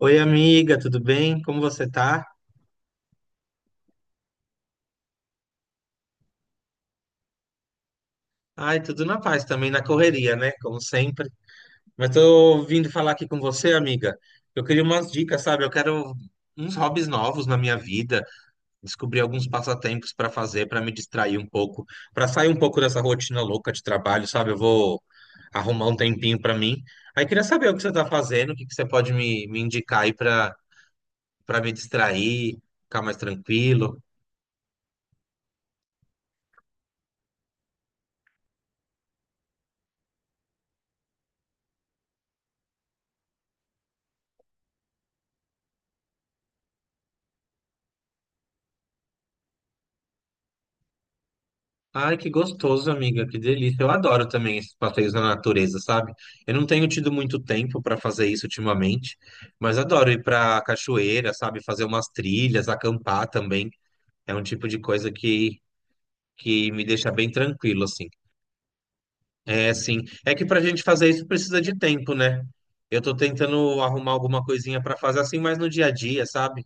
Oi, amiga, tudo bem? Como você tá? Ai, tudo na paz também, na correria, né? Como sempre. Mas tô vindo falar aqui com você, amiga. Eu queria umas dicas, sabe? Eu quero uns hobbies novos na minha vida, descobrir alguns passatempos para fazer, para me distrair um pouco, para sair um pouco dessa rotina louca de trabalho, sabe? Eu vou arrumar um tempinho para mim. Aí queria saber o que você tá fazendo, o que que você pode me indicar aí para me distrair, ficar mais tranquilo. Ai, que gostoso, amiga, que delícia. Eu adoro também esses passeios na natureza, sabe? Eu não tenho tido muito tempo para fazer isso ultimamente, mas adoro ir para cachoeira, sabe? Fazer umas trilhas, acampar também. É um tipo de coisa que me deixa bem tranquilo, assim. É, sim. É que pra gente fazer isso precisa de tempo, né? Eu tô tentando arrumar alguma coisinha para fazer assim, mas no dia a dia, sabe?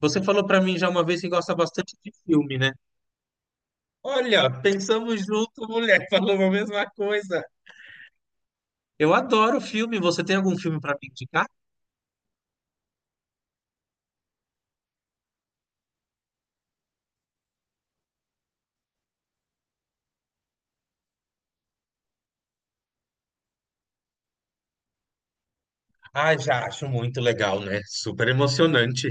Você falou para mim já uma vez que gosta bastante de filme, né? Olha, pensamos junto, mulher, falou a mesma coisa. Eu adoro filme. Você tem algum filme para me indicar? Ah, já acho muito legal, né? Super emocionante.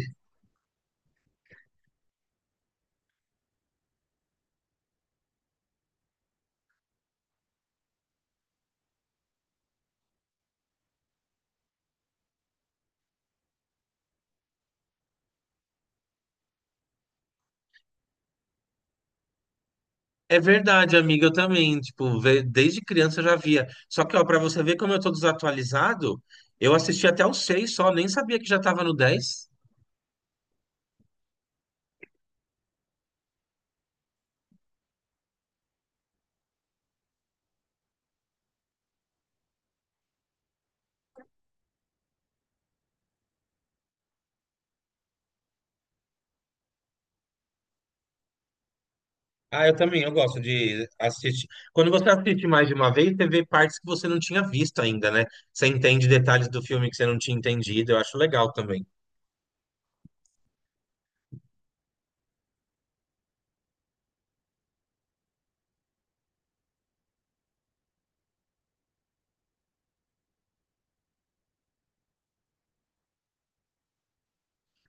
É verdade, amiga, eu também, tipo, desde criança eu já via. Só que, ó, pra você ver como eu tô desatualizado, eu assisti até o 6. Só, nem sabia que já tava no 10. Ah, eu também, eu gosto de assistir. Quando você assiste mais de uma vez, você vê partes que você não tinha visto ainda, né? Você entende detalhes do filme que você não tinha entendido, eu acho legal também.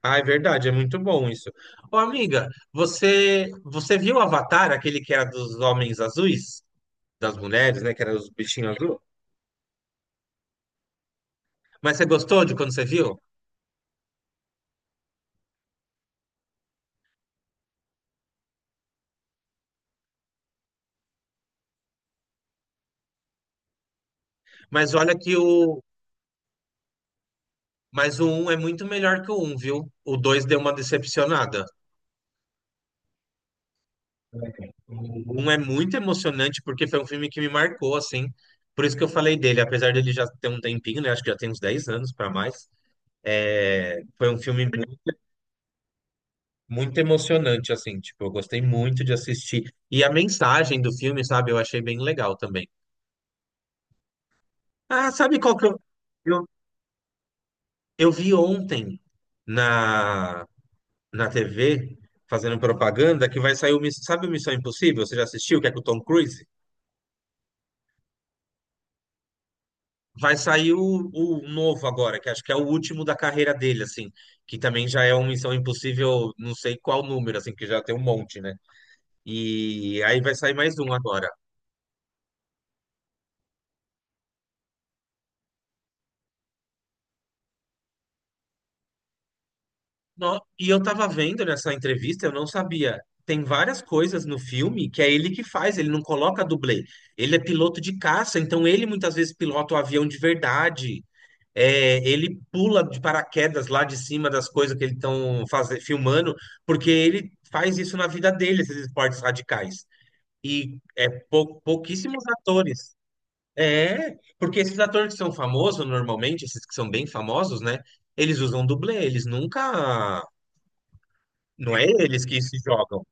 Ah, é verdade, é muito bom isso. Ô, amiga, você viu Avatar, aquele que era dos homens azuis, das mulheres, né, que era os bichinhos azuis. Mas você gostou de quando você viu? Mas olha que o mas o 1 é muito melhor que o um, viu? O 2 deu uma decepcionada. O 1 é muito emocionante porque foi um filme que me marcou assim. Por isso que eu falei dele, apesar dele já ter um tempinho, né, acho que já tem uns 10 anos para mais. É, foi um filme muito emocionante, assim, tipo, eu gostei muito de assistir. E a mensagem do filme, sabe, eu achei bem legal também. Ah, sabe qual que eu, eu vi ontem na, na TV, fazendo propaganda, que vai sair sabe o Missão Impossível? Você já assistiu? Que é com o Tom Cruise? Vai sair o novo agora, que acho que é o último da carreira dele, assim, que também já é um Missão Impossível, não sei qual número, assim, que já tem um monte, né? E aí vai sair mais um agora. E eu tava vendo nessa entrevista, eu não sabia. Tem várias coisas no filme que é ele que faz, ele não coloca dublê. Ele é piloto de caça, então ele muitas vezes pilota o avião de verdade. É, ele pula de paraquedas lá de cima das coisas que eles estão filmando, porque ele faz isso na vida dele, esses esportes radicais. E é pouquíssimos atores. É, porque esses atores que são famosos, normalmente, esses que são bem famosos, né? Eles usam dublê, eles nunca não é eles que se jogam.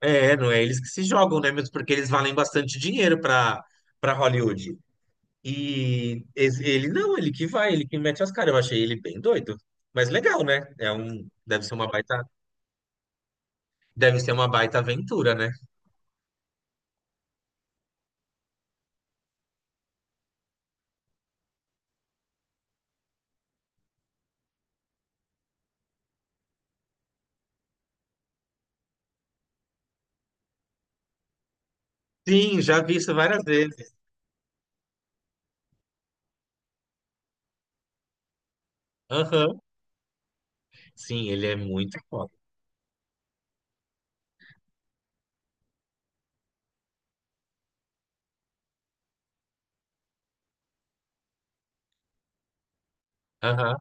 É, não é eles que se jogam, né? Mesmo porque eles valem bastante dinheiro para para Hollywood. E ele não, ele que vai, ele que mete as caras. Eu achei ele bem doido. Mas legal, né? É um, deve ser uma baita aventura, né? Sim, já vi isso várias vezes. Aham. Sim, ele é muito foda. Aham.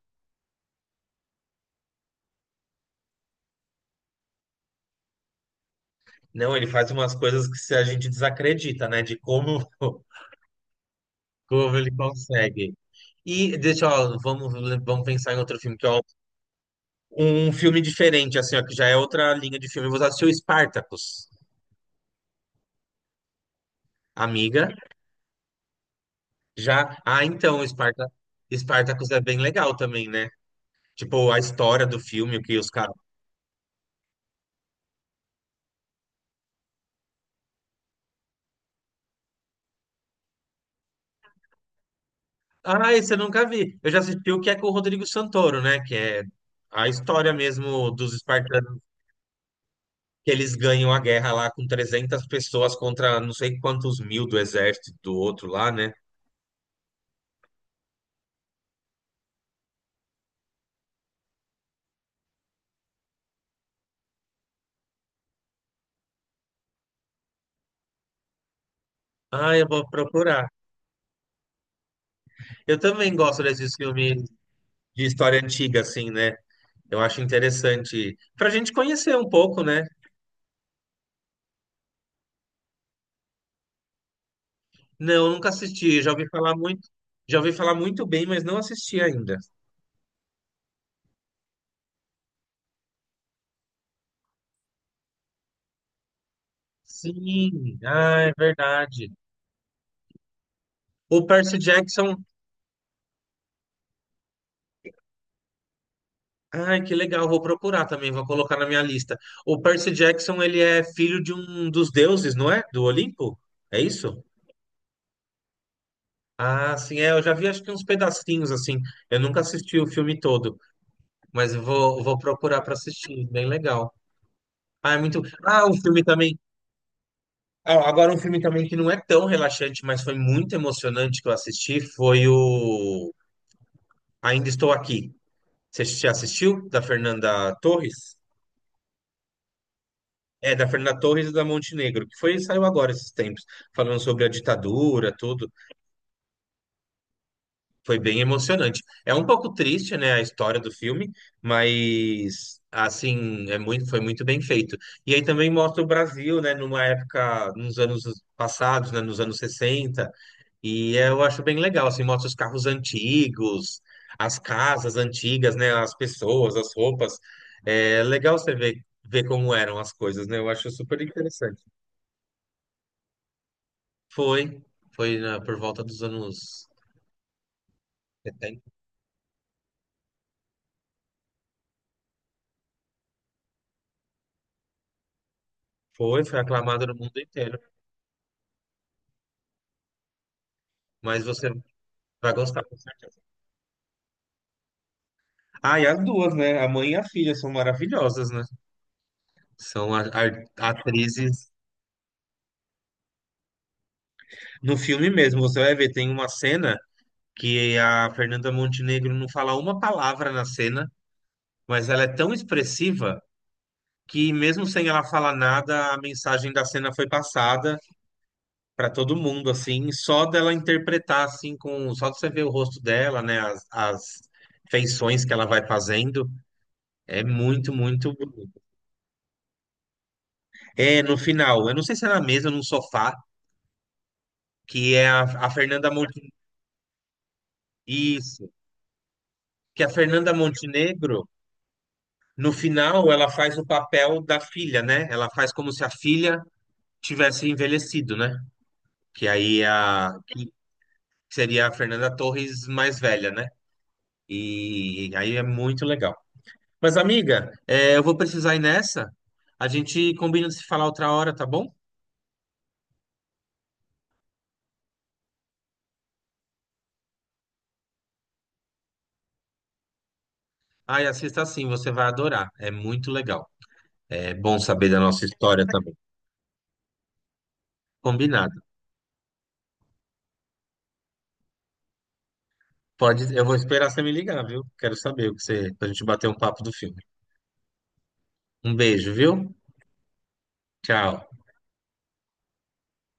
Não, ele faz umas coisas que se a gente desacredita, né? De como, como ele consegue. E vamos pensar em outro filme que eu um filme diferente, assim, ó, que já é outra linha de filme. Você assistiu Spartacus, amiga? Já. Ah, então, Spartacus é bem legal também, né? Tipo, a história do filme, o que os caras. Ah, esse eu nunca vi. Eu já assisti o que é com o Rodrigo Santoro, né? Que é a história mesmo dos espartanos, que eles ganham a guerra lá com 300 pessoas contra não sei quantos mil do exército do outro lá, né? Ah, eu vou procurar. Eu também gosto desses filmes de história antiga, assim, né? Eu acho interessante para a gente conhecer um pouco, né? Não, nunca assisti. Já ouvi falar muito, já ouvi falar muito bem, mas não assisti ainda. Sim, ah, é verdade. O Percy Jackson, ai, que legal. Vou procurar também, vou colocar na minha lista. O Percy Jackson, ele é filho de um dos deuses, não é? Do Olimpo? É isso? Ah, sim, é. Eu já vi acho que uns pedacinhos assim. Eu nunca assisti o filme todo, mas eu vou procurar para assistir. Bem legal. Ah, é muito. Ah, o filme também. Ah, agora, um filme também que não é tão relaxante, mas foi muito emocionante que eu assisti, foi o Ainda Estou Aqui. Você já assistiu? Da Fernanda Torres? É, da Fernanda Torres e da Montenegro, que foi, saiu agora esses tempos, falando sobre a ditadura, tudo. Foi bem emocionante. É um pouco triste, né, a história do filme, mas, assim, é muito, foi muito bem feito. E aí também mostra o Brasil, né, numa época, nos anos passados, né, nos anos 60. E eu acho bem legal, assim, mostra os carros antigos, as casas antigas, né? As pessoas, as roupas. É legal você ver, como eram as coisas, né? Eu acho super interessante. Foi, foi, por volta dos anos 70. Foi aclamado no mundo inteiro. Mas você vai gostar, com certeza. Ah, e as duas, né? A mãe e a filha são maravilhosas, né? São atrizes. No filme mesmo, você vai ver, tem uma cena que a Fernanda Montenegro não fala uma palavra na cena, mas ela é tão expressiva que mesmo sem ela falar nada, a mensagem da cena foi passada para todo mundo, assim, só dela interpretar, assim, com só de você ver o rosto dela, né, as feições que ela vai fazendo, é muito, muito bonito. É, no final, eu não sei se é na mesa ou num sofá, que é a Fernanda Montenegro, isso, que a Fernanda Montenegro, no final, ela faz o papel da filha, né, ela faz como se a filha tivesse envelhecido, né? Que aí que seria a Fernanda Torres mais velha, né? E aí é muito legal. Mas, amiga, é, eu vou precisar ir nessa. A gente combina de se falar outra hora, tá bom? Ai, assista sim, você vai adorar. É muito legal. É bom saber da nossa história também. Combinado. Pode, eu vou esperar você me ligar, viu? Quero saber o que você, pra gente bater um papo do filme. Um beijo, viu? Tchau.